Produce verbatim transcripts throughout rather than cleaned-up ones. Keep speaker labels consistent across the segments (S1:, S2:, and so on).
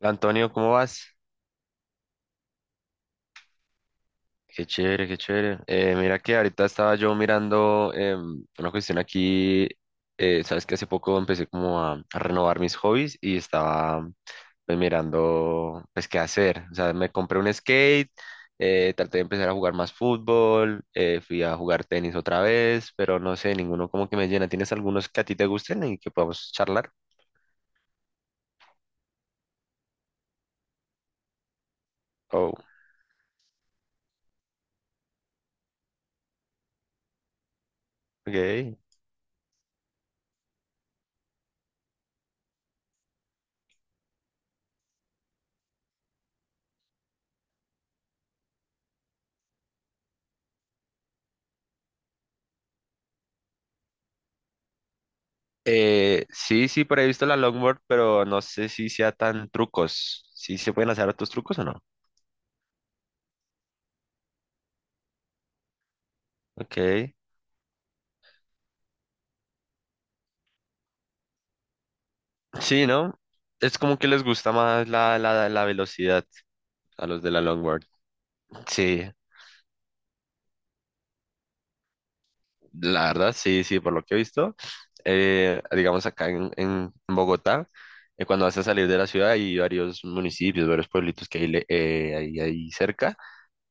S1: Hola, Antonio, ¿cómo vas? Qué chévere, qué chévere. Eh, mira que ahorita estaba yo mirando em, una cuestión aquí, eh, sabes que hace poco empecé como a, a renovar mis hobbies y estaba pues mirando pues qué hacer. O sea, me compré un skate, eh, traté de empezar a jugar más fútbol, eh, fui a jugar tenis otra vez, pero no sé, ninguno como que me llena. ¿Tienes algunos que a ti te gusten y que podamos charlar? Oh, ok. Eh, sí, sí, por ahí he visto la longboard, pero no sé si sea tan trucos. ¿Sí se pueden hacer otros trucos o no? Ok. Sí, ¿no? Es como que les gusta más la, la, la velocidad a los de la longboard. Sí, la verdad, sí, sí, por lo que he visto. eh, digamos acá en, en Bogotá. Eh, cuando vas a salir de la ciudad hay varios municipios, varios pueblitos que hay le- eh, ahí, ahí cerca.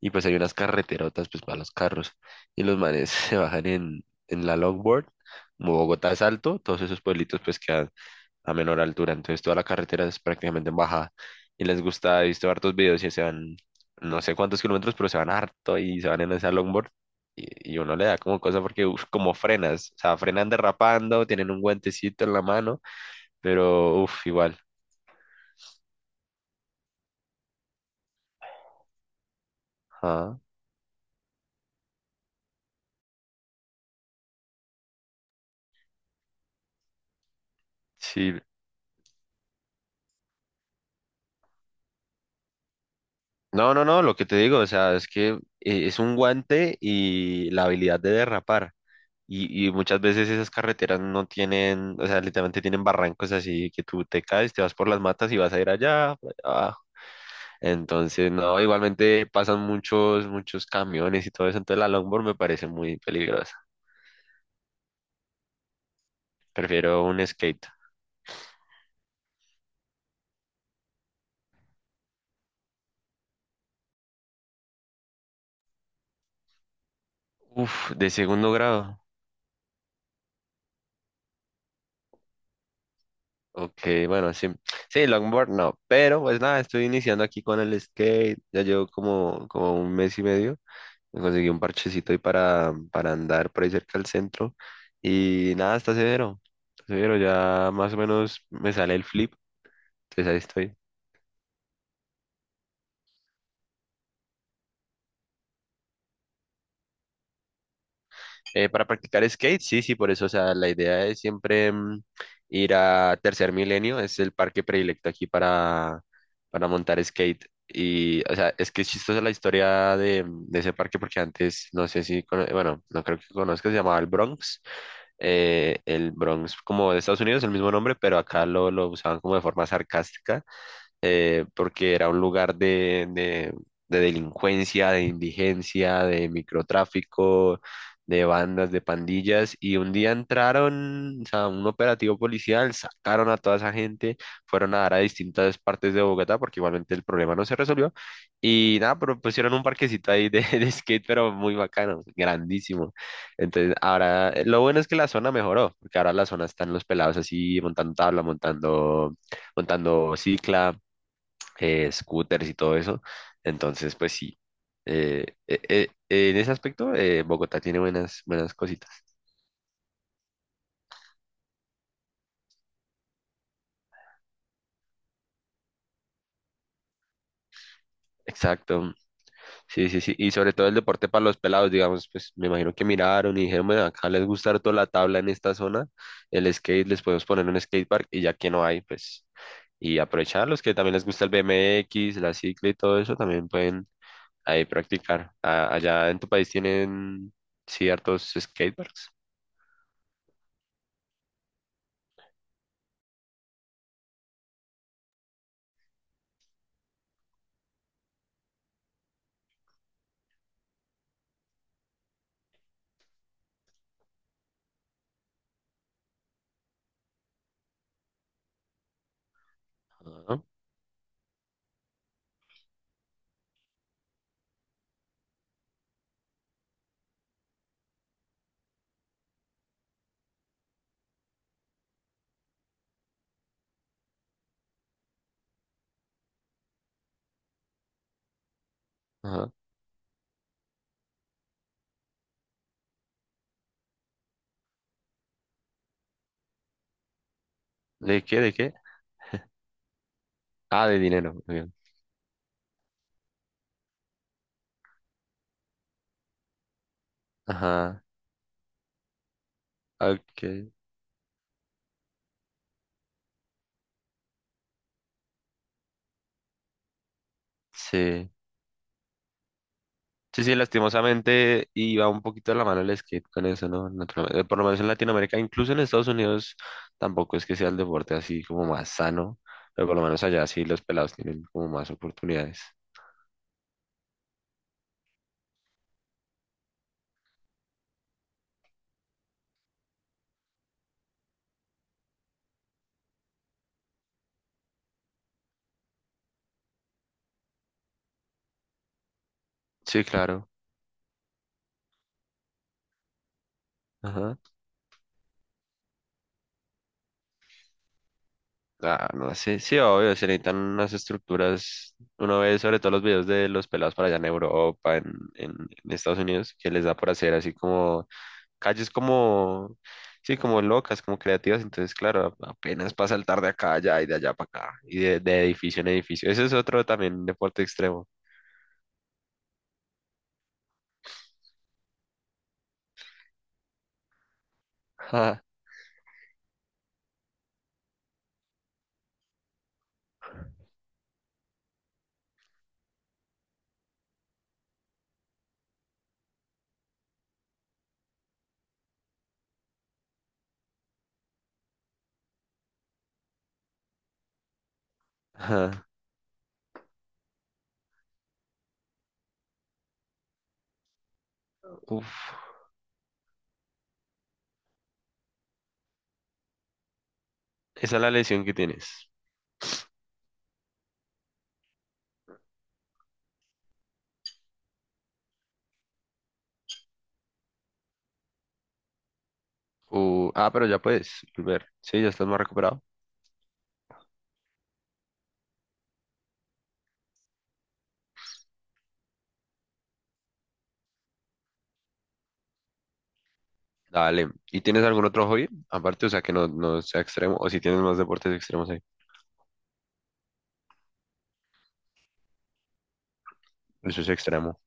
S1: Y pues hay unas carreterotas pues para los carros y los manes se bajan en, en la longboard. Como Bogotá es alto, todos esos pueblitos pues quedan a menor altura, entonces toda la carretera es prácticamente en bajada y les gusta. He visto hartos videos y se van no sé cuántos kilómetros, pero se van harto y se van en esa longboard. Y, y uno le da como cosa porque uf, como frenas, o sea, frenan derrapando, tienen un guantecito en la mano, pero uff, igual. Ajá. Sí. No, no, no, lo que te digo, o sea, es que eh, es un guante y la habilidad de derrapar. Y, y muchas veces esas carreteras no tienen, o sea, literalmente tienen barrancos así que tú te caes, te vas por las matas y vas a ir allá, por allá abajo. Entonces, no, igualmente pasan muchos, muchos camiones y todo eso, entonces la longboard me parece muy peligrosa. Prefiero un skate. Uf, de segundo grado. Ok, bueno, sí. Sí, longboard no, pero pues nada, estoy iniciando aquí con el skate, ya llevo como, como un mes y medio. Me conseguí un parchecito ahí para, para andar por ahí cerca del centro. Y nada, está severo. Está severo, ya más o menos me sale el flip. Entonces ahí estoy. Eh, para practicar skate, sí, sí, por eso, o sea, la idea es siempre mm, ir a Tercer Milenio, es el parque predilecto aquí para, para montar skate. Y, o sea, es que es chistosa la historia de, de ese parque porque antes, no sé si, cono- bueno, no creo que conozcas, se llamaba el Bronx, eh, el Bronx como de Estados Unidos, el mismo nombre, pero acá lo, lo usaban como de forma sarcástica, eh, porque era un lugar de, de- de delincuencia, de indigencia, de microtráfico, de bandas, de pandillas. Y un día entraron, o sea, un operativo policial, sacaron a toda esa gente, fueron a dar a distintas partes de Bogotá, porque igualmente el problema no se resolvió. Y nada, pero pusieron un parquecito ahí de de skate, pero muy bacano, grandísimo. Entonces, ahora, eh, lo bueno es que la zona mejoró, porque ahora la zona están los pelados así, montando tabla, montando, montando cicla, eh, scooters y todo eso. Entonces, pues sí, eh, eh, eh, en ese aspecto eh, Bogotá tiene buenas, buenas cositas. Exacto, sí, sí, sí. Y sobre todo el deporte para los pelados, digamos, pues me imagino que miraron y dijeron: "Bueno, acá les gusta harto la tabla en esta zona, el skate, les podemos poner un skatepark y ya que no hay, pues, y aprovechar los que también les gusta el B M X, la cicla y todo eso, también pueden ahí practicar". A- allá en tu país tienen ciertos skateparks. Ajá, ajá. ¿De qué? ¿De qué? Ah, de dinero, muy bien. Ajá, ok, sí. Sí, sí, lastimosamente iba un poquito de la mano el skate con eso, ¿no? Naturalmente, eh, por lo menos en Latinoamérica, incluso en Estados Unidos, tampoco es que sea el deporte así como más sano, pero por lo menos allá sí los pelados tienen como más oportunidades. Sí, claro. Ajá. Ah, no sé, sí, obvio, se necesitan unas estructuras. Uno ve sobre todo los videos de los pelados para allá en Europa, en, en en Estados Unidos, que les da por hacer así como calles como, sí, como locas, como creativas. Entonces, claro, a- apenas para saltar de acá a allá y de allá para acá, y de, de edificio en edificio. Ese es otro también deporte extremo. Ja, ja. Uf, esa es la lesión que tienes. Uh, ah, pero ya puedes volver. Sí, ya estás más recuperado. Dale. ¿Y tienes algún otro hobby? Aparte, o sea, que no, no sea extremo, o si tienes más deportes extremos ahí. Eso es extremo.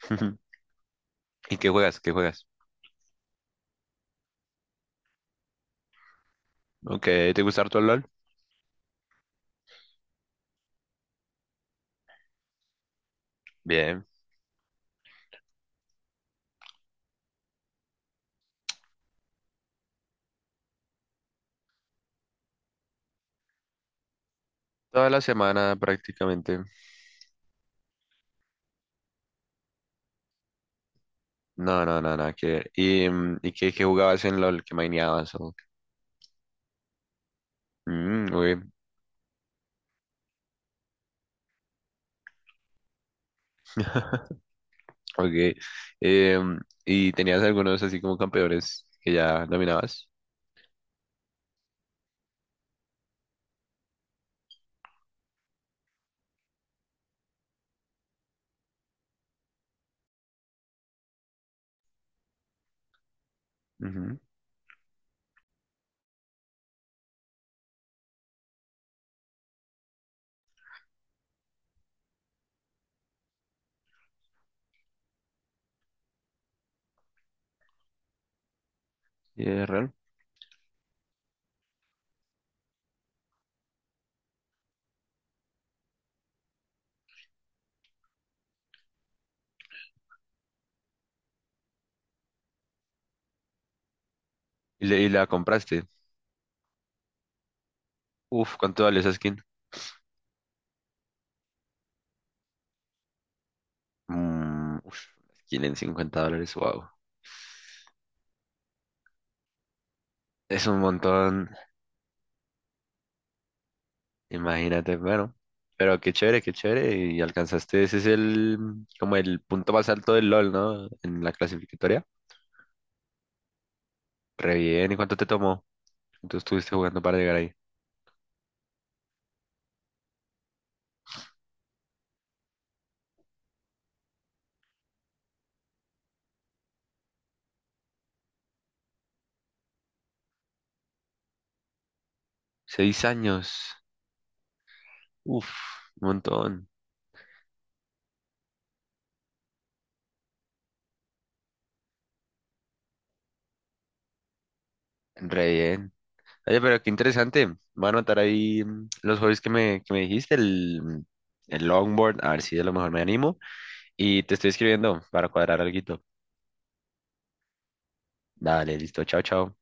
S1: ¿Y qué juegas? ¿Qué juegas? Ok, ¿te gusta harto el LOL? Bien. Toda la semana prácticamente. No, no, no, nada que ver. ¿Y, mm, y qué, qué jugabas en LOL? ¿Qué maineabas? o- Qué? Mm, ok. Ok. Em, ¿Y tenías algunos así como campeones que ya dominabas? Ujú. Y es real. ¿Y, le- y la compraste? Uf, ¿cuánto vale esa skin? Mm, uf, skin en cincuenta dólares, wow. Es un montón, imagínate, bueno. Pero qué chévere, qué chévere. Y alcanzaste, ese es el, como el punto más alto del LOL, ¿no? En la clasificatoria. Re bien, ¿y cuánto te tomó? Entonces estuviste jugando para llegar ahí. Seis años. Uf, un montón. Re bien. Oye, pero qué interesante. Voy a anotar ahí mm, los hobbies que me, que me dijiste, el, mm, el longboard, a ver si a lo mejor me animo. Y te estoy escribiendo para cuadrar alguito. Dale, listo. Chao, chao.